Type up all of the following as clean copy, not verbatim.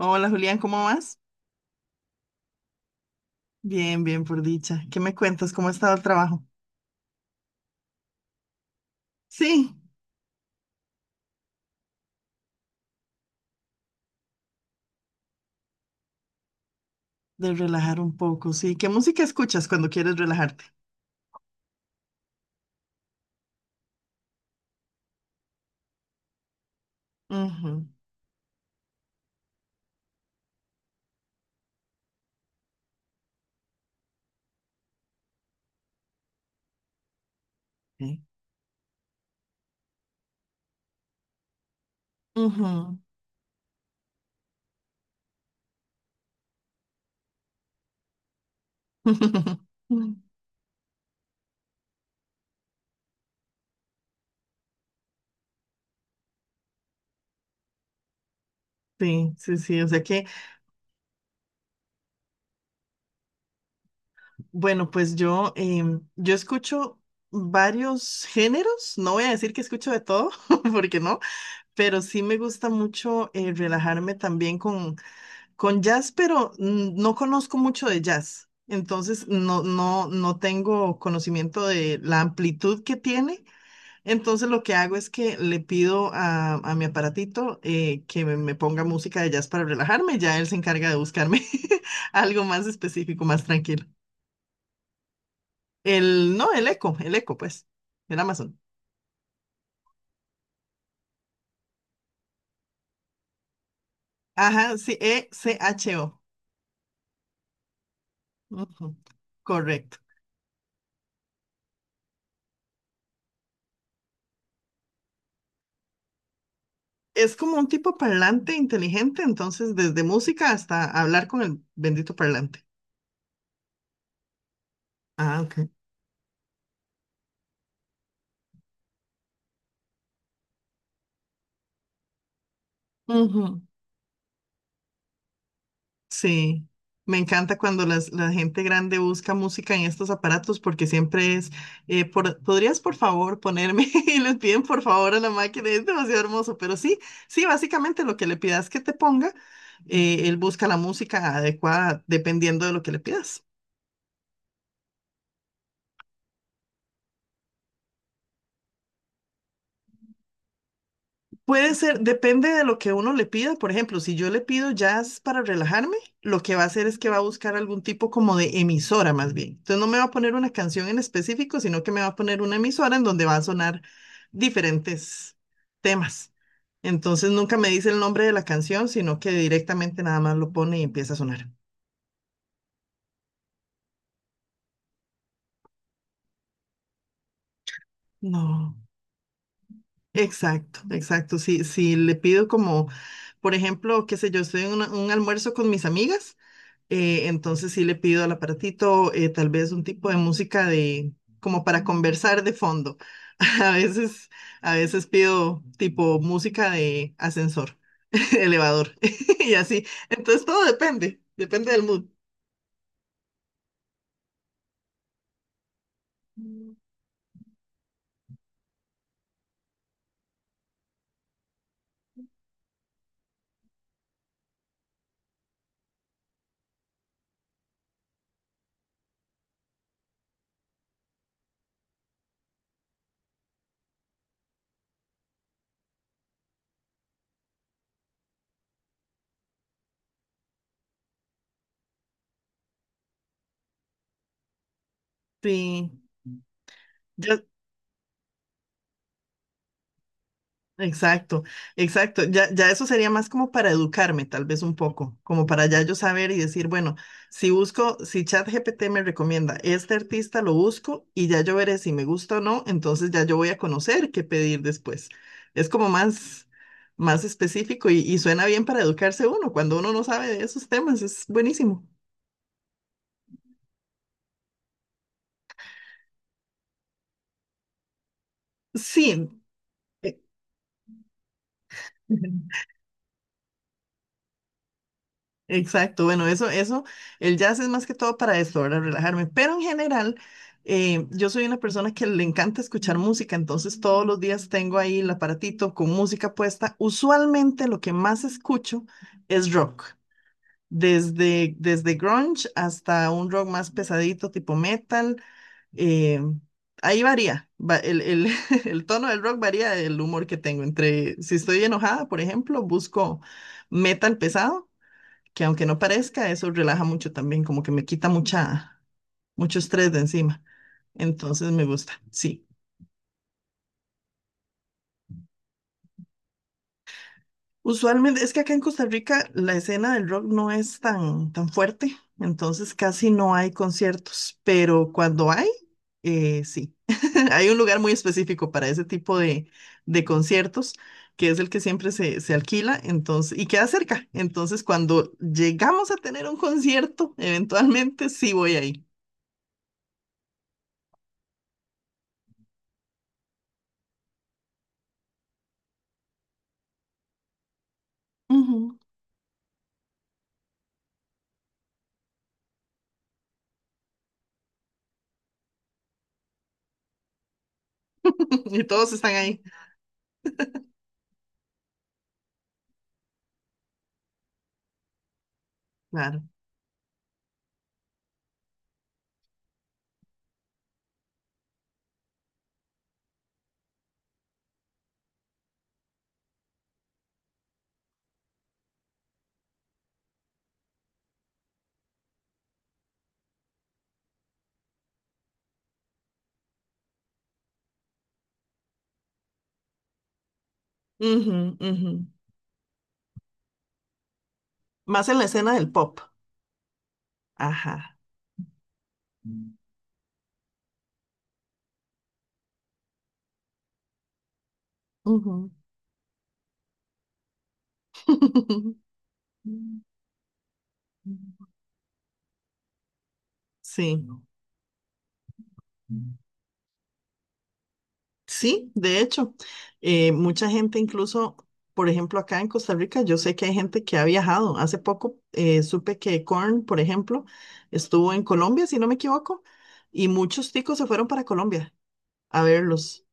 Hola Julián, ¿cómo vas? Bien, bien, por dicha. ¿Qué me cuentas? ¿Cómo ha estado el trabajo? Sí, de relajar un poco, sí. ¿Qué música escuchas cuando quieres relajarte? Ujú, sí. Ujú. Sí, sí, sí. O sea que, bueno, pues yo escucho varios géneros. No voy a decir que escucho de todo, porque no, pero sí me gusta mucho relajarme también con jazz, pero no conozco mucho de jazz, entonces no tengo conocimiento de la amplitud que tiene. Entonces lo que hago es que le pido a mi aparatito que me ponga música de jazz para relajarme, ya él se encarga de buscarme algo más específico, más tranquilo. El, no, el eco, pues, el Amazon. Ajá, sí, Echo. Ujú. Correcto. Es como un tipo parlante inteligente, entonces desde música hasta hablar con el bendito parlante. Ah, ok. Ujú. Sí, me encanta cuando la gente grande busca música en estos aparatos porque siempre es, por- ¿podrías por favor ponerme? Y les piden por favor a la máquina, es demasiado hermoso, pero sí, sí, básicamente lo que le pidas que te ponga, él busca la música adecuada dependiendo de lo que le pidas. Puede ser, depende de lo que uno le pida. Por ejemplo, si yo le pido jazz para relajarme, lo que va a hacer es que va a buscar algún tipo como de emisora más bien. Entonces no me va a poner una canción en específico, sino que me va a poner una emisora en donde va a sonar diferentes temas. Entonces nunca me dice el nombre de la canción, sino que directamente nada más lo pone y empieza a sonar. No, exacto, exacto. Si le pido como, por ejemplo, qué sé yo, estoy en un almuerzo con mis amigas. Entonces sí le pido al aparatito tal vez un tipo de música de como para conversar de fondo. A veces, a veces pido tipo música de ascensor, elevador y así. Entonces todo depende del mood. Sí. Ya- Exacto, exacto. Ya, ya eso sería más como para educarme, tal vez un poco, como para ya yo saber y decir, bueno, si busco, si ChatGPT me recomienda este artista, lo busco y ya yo veré si me gusta o no, entonces ya yo voy a conocer qué pedir después. Es como más específico y suena bien para educarse uno. Cuando uno no sabe de esos temas, es buenísimo. Sí. Exacto, bueno, eso, el jazz es más que todo para esto, para relajarme, pero en general, yo soy una persona que le encanta escuchar música, entonces todos los días tengo ahí el aparatito con música puesta. Usualmente lo que más escucho es rock, desde grunge hasta un rock más pesadito, tipo metal, eh, ahí varía, el tono del rock varía del humor que tengo, entre si estoy enojada, por ejemplo, busco metal pesado que aunque no parezca, eso relaja mucho también, como que me quita mucho estrés de encima. Entonces me gusta, sí. Usualmente, es que acá en Costa Rica la escena del rock no es tan fuerte, entonces casi no hay conciertos, pero cuando hay, sí. Hay un lugar muy específico para ese tipo de conciertos, que es el que siempre se alquila, entonces, y queda cerca. Entonces, cuando llegamos a tener un concierto, eventualmente sí voy ahí. Ujú. Y todos están ahí. Claro. Ujú, ujú. Más en la escena del pop. Ajá. Ujú. Sí. Sí, de hecho, mucha gente incluso, por ejemplo, acá en Costa Rica, yo sé que hay gente que ha viajado. Hace poco supe que Korn, por ejemplo, estuvo en Colombia, si no me equivoco, y muchos ticos se fueron para Colombia a verlos.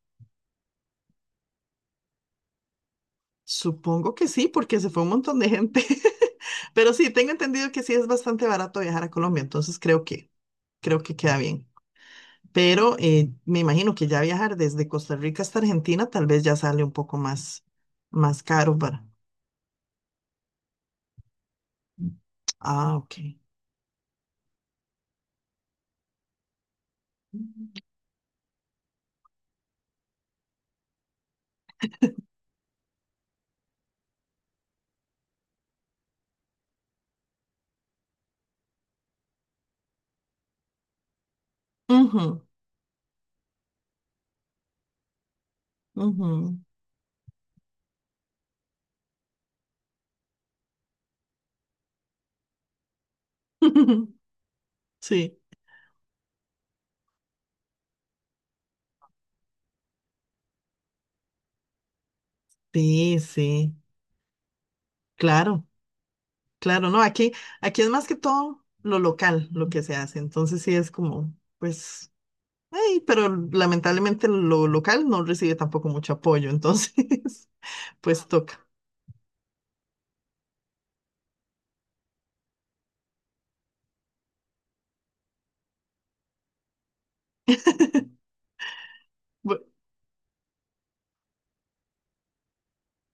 Supongo que sí, porque se fue un montón de gente. Pero sí, tengo entendido que sí es bastante barato viajar a Colombia, entonces creo que queda bien. Pero me imagino que ya viajar desde Costa Rica hasta Argentina tal vez ya sale un poco más caro para... Ah, ok. Ujú, ujú. Sí, sí, sí, claro, claro, no, aquí es más que todo lo local, lo que se hace, entonces sí es como, pues, Ay, pero lamentablemente lo local no recibe tampoco mucho apoyo, entonces pues toca. Bu-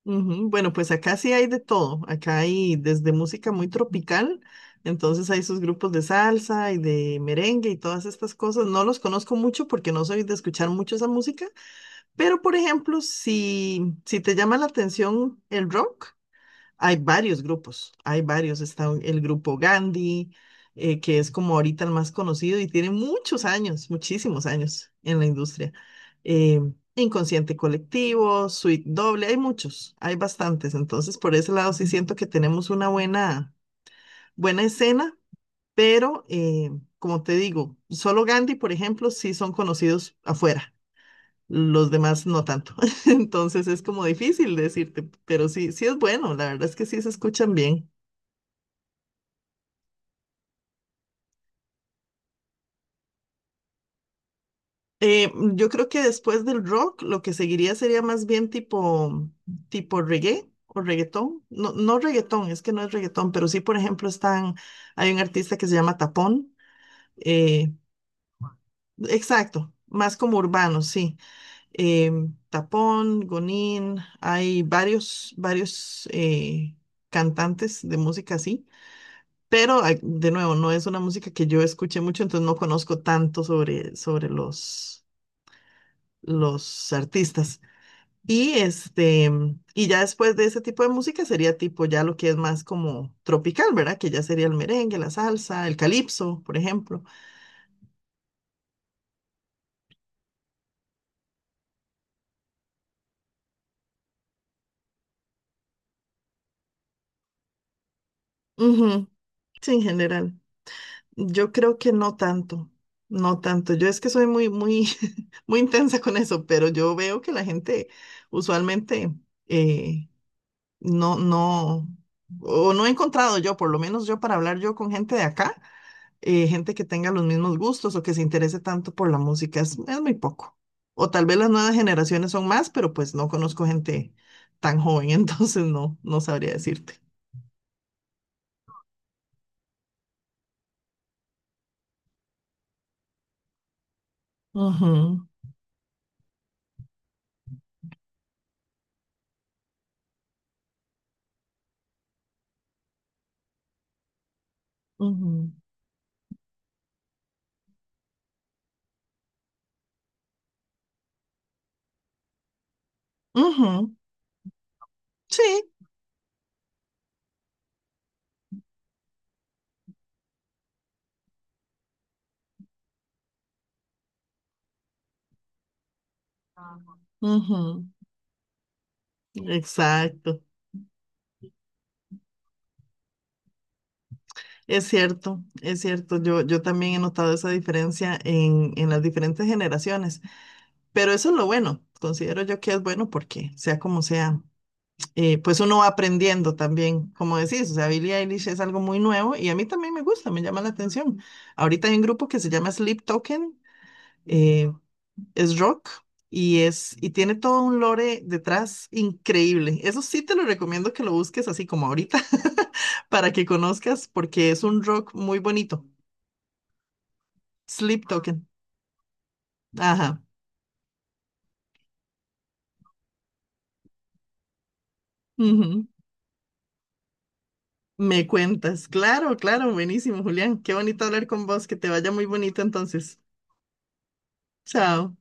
ujú. Bueno, pues acá sí hay de todo. Acá hay desde música muy tropical, entonces hay sus grupos de salsa y de merengue y todas estas cosas. No los conozco mucho porque no soy de escuchar mucho esa música, pero por ejemplo, si te llama la atención el rock, hay varios grupos, hay varios. Está el grupo Gandhi, que es como ahorita el más conocido y tiene muchos años, muchísimos años en la industria. Eh, Inconsciente Colectivo, Suite Doble, hay muchos, hay bastantes. Entonces, por ese lado sí siento que tenemos una buena, buena escena, pero como te digo, solo Gandhi, por ejemplo, sí son conocidos afuera. Los demás no tanto. Entonces es como difícil decirte, pero sí, sí es bueno, la verdad es que sí se escuchan bien. Yo creo que después del rock, lo que seguiría sería más bien tipo reggae o reggaetón. No, no reggaetón, es que no es reggaetón, pero sí, por ejemplo, están, hay un artista que se llama Tapón. eh, exacto, más como urbano, sí. Tapón, Gonín, hay varios cantantes de música así. Pero, ah, de nuevo, no es una música que yo escuché mucho, entonces no conozco tanto sobre los artistas. Y este, y ya después de ese tipo de música sería tipo ya lo que es más como tropical, ¿verdad? Que ya sería el merengue, la salsa, el calipso, por ejemplo. Ujú. Sí, en general. Yo creo que no tanto, no tanto. Yo es que soy muy, muy, muy intensa con eso, pero yo veo que la gente usualmente eh, no, no, o no he encontrado yo, por lo menos yo para hablar yo con gente de acá gente que tenga los mismos gustos o que se interese tanto por la música. Es muy poco. O tal vez las nuevas generaciones son más, pero pues no conozco gente tan joven, entonces no, no sabría decirte. Ujú, ujú, ujú. Sí, ujú, exacto. Es cierto, es cierto. Yo también he notado esa diferencia en las diferentes generaciones, pero eso es lo bueno. Considero yo que es bueno porque sea como sea. Pues uno va aprendiendo también, como decís, o sea, Billie Eilish es algo muy nuevo y a mí también me gusta, me llama la atención. Ahorita hay un grupo que se llama Sleep Token, eh, es rock y es y tiene todo un lore detrás increíble. Eso sí te lo recomiendo que lo busques así como ahorita para que conozcas porque es un rock muy bonito. Sleep Token. Ajá. Ujú. Me cuentas. Claro, claro, buenísimo, Julián. Qué bonito hablar con vos, que te vaya muy bonito entonces. Chao.